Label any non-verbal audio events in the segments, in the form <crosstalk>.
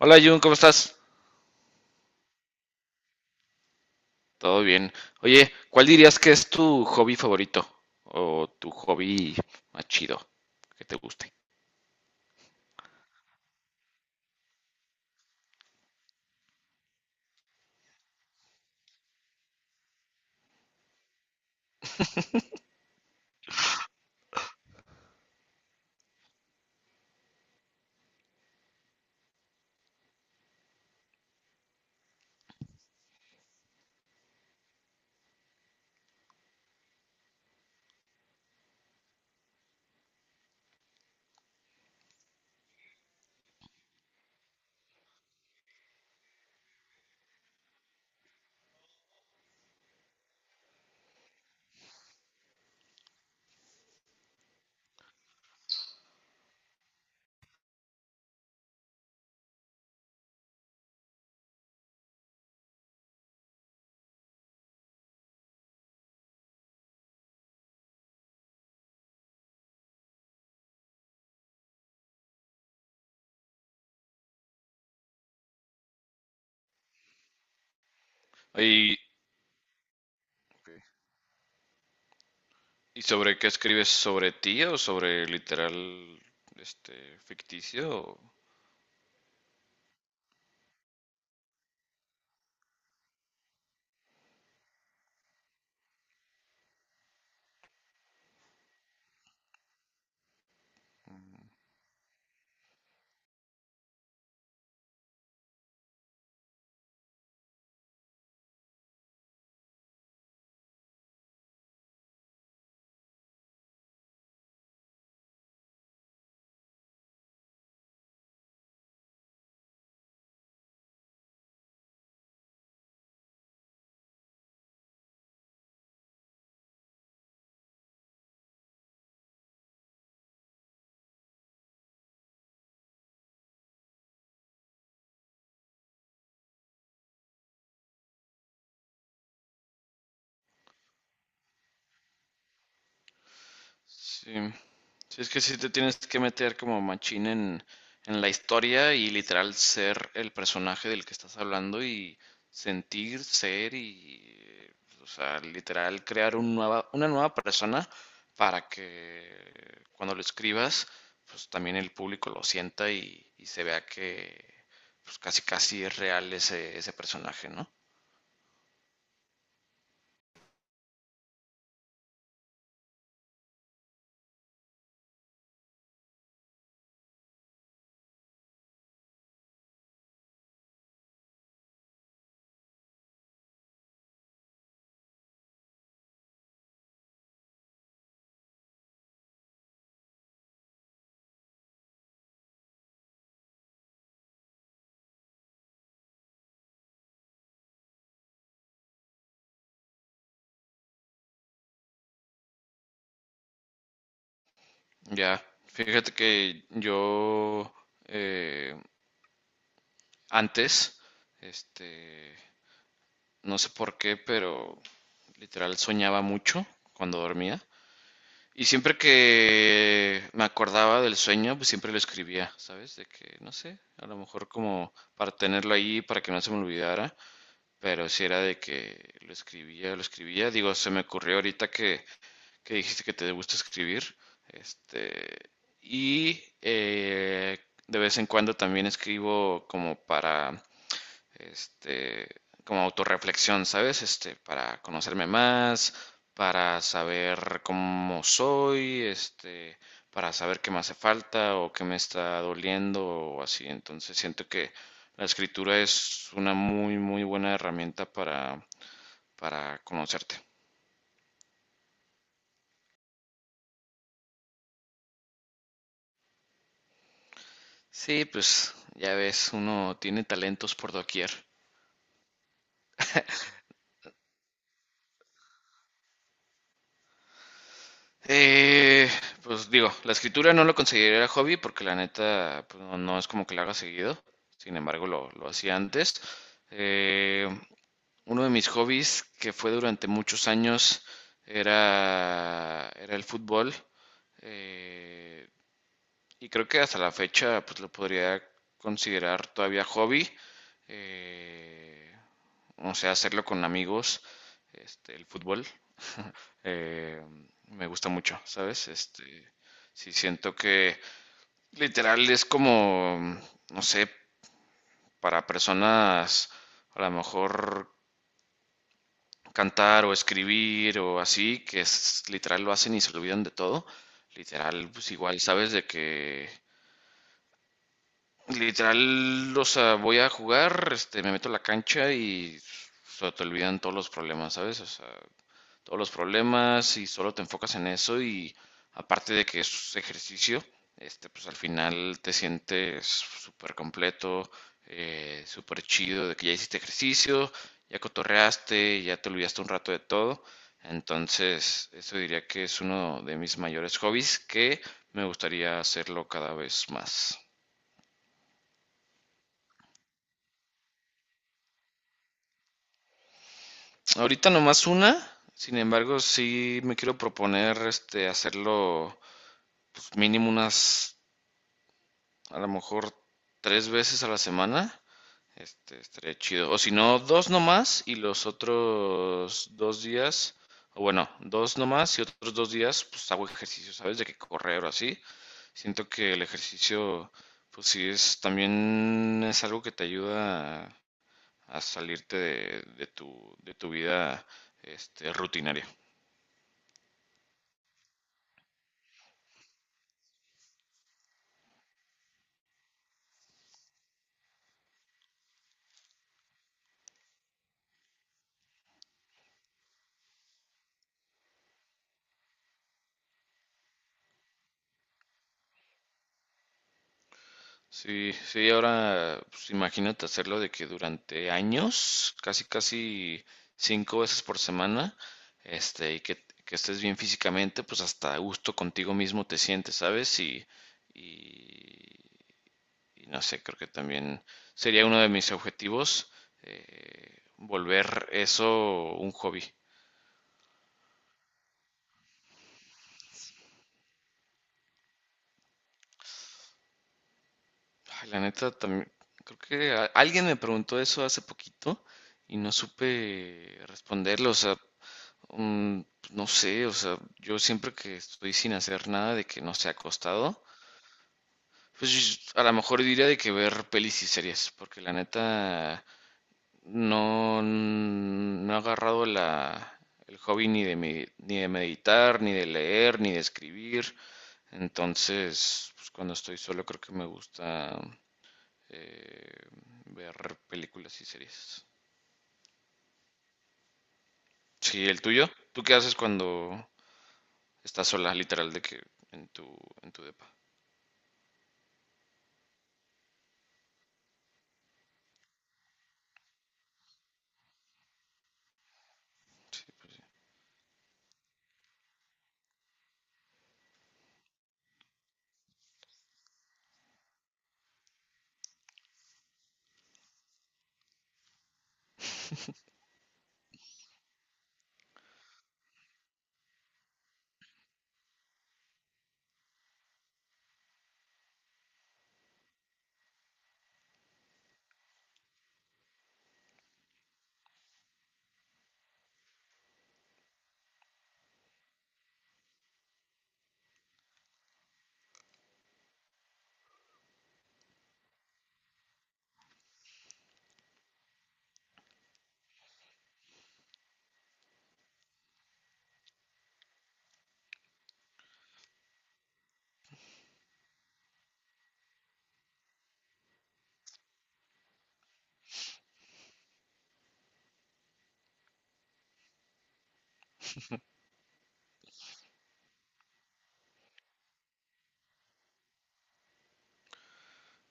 Hola Jun, ¿cómo estás? Todo bien. Oye, ¿cuál dirías que es tu hobby favorito? O tu hobby más chido, que te guste. ¿Y, y sobre qué escribes? ¿Sobre ti o sobre literal ficticio? Sí. Sí, es que sí te tienes que meter como machín en la historia y literal ser el personaje del que estás hablando y sentir, ser y, o sea, literal crear un nueva, una nueva persona para que cuando lo escribas, pues también el público lo sienta y se vea que pues casi casi es real ese, ese personaje, ¿no? Ya, fíjate que yo... eh, Antes, este, no sé por qué, pero literal soñaba mucho cuando dormía. Y siempre que me acordaba del sueño, pues siempre lo escribía, ¿sabes? De que, no sé, a lo mejor como para tenerlo ahí, para que no se me olvidara, pero si era de que lo escribía, lo escribía. Digo, se me ocurrió ahorita que dijiste que te gusta escribir, este, y de vez en cuando también escribo como para este, como autorreflexión, ¿sabes? Este, para conocerme más, para saber cómo soy, este, para saber qué me hace falta o qué me está doliendo o así. Entonces siento que la escritura es una muy, muy buena herramienta para conocerte. Sí, pues ya ves, uno tiene talentos por doquier. Eh, pues digo, la escritura no lo consideraría hobby porque la neta pues, no, no es como que la haga seguido. Sin embargo, lo hacía antes. Eh, uno de mis hobbies que fue durante muchos años era el fútbol. eh, y creo que hasta la fecha pues lo podría considerar todavía hobby. eh, no sé, hacerlo con amigos, este, el fútbol, <laughs> eh, me gusta mucho, ¿sabes? Este, sí siento que literal es como, no sé, para personas a lo mejor cantar o escribir o así, que es, literal lo hacen y se olvidan de todo. Literal, pues igual, sabes de que literal, o sea, voy a jugar, este, me meto a la cancha y se te olvidan todos los problemas, ¿sabes? O sea, todos los problemas y solo te enfocas en eso y aparte de que es ejercicio, este, pues al final te sientes súper completo, súper chido de que ya hiciste ejercicio, ya cotorreaste, ya te olvidaste un rato de todo. Entonces, eso diría que es uno de mis mayores hobbies que me gustaría hacerlo cada vez más. Ahorita nomás una, sin embargo, sí me quiero proponer este hacerlo pues, mínimo unas a lo mejor 3 veces a la semana. Este, estaría chido. O si no, dos nomás y los otros dos días, o bueno, dos nomás y otros dos días, pues hago ejercicio, ¿sabes? De que correr o así. Siento que el ejercicio, pues sí, es también es algo que te ayuda a salirte de de tu vida, este, rutinaria. Sí, sí, ahora pues, imagínate hacerlo de que durante años, casi casi 5 veces por semana, este, que estés bien físicamente, pues hasta a gusto contigo mismo te sientes, ¿sabes? Y, y no sé, creo que también sería uno de mis objetivos, volver eso un hobby. Ay, la neta, también, creo que a- alguien me preguntó eso hace poquito y no supe responderlo, o sea, Mm, no sé, o sea, yo siempre que estoy sin hacer nada de que no sea acostado, pues yo- a lo mejor diría de que ver pelis y series, porque la neta no he agarrado el hobby ni de, me- ni de meditar, ni de leer, ni de escribir. Entonces, pues cuando estoy solo creo que me gusta eh, ver películas y series. Sí, el tuyo. ¿Tú qué haces cuando estás sola, literal, de que en tu, en tu depa? Sí, pues sí.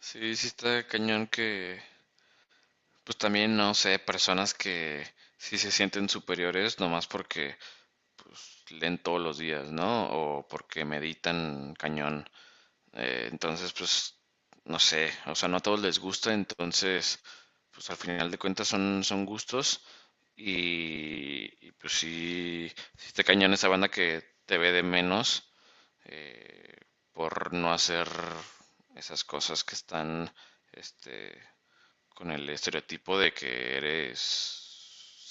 Sí, sí está cañón que, pues también, no sé, personas que sí se sienten superiores nomás porque pues, leen todos los días, ¿no? O porque meditan cañón. Entonces, pues, no sé, o sea, no a todos les gusta, entonces, pues al final de cuentas son, son gustos y, pues sí, sí está cañón esa banda que te ve de menos por no hacer esas cosas que están, este, con el estereotipo de que eres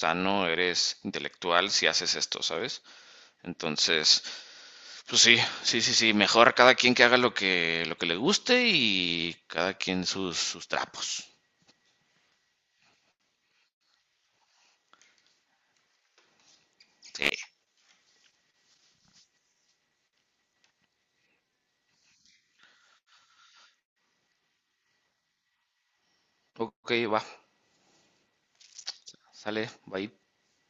sano, eres intelectual si haces esto, ¿sabes? Entonces, pues sí, sí, sí, sí, mejor cada quien que haga lo que le guste y cada quien sus, sus trapos. Sí. Ok, va, sale, bye.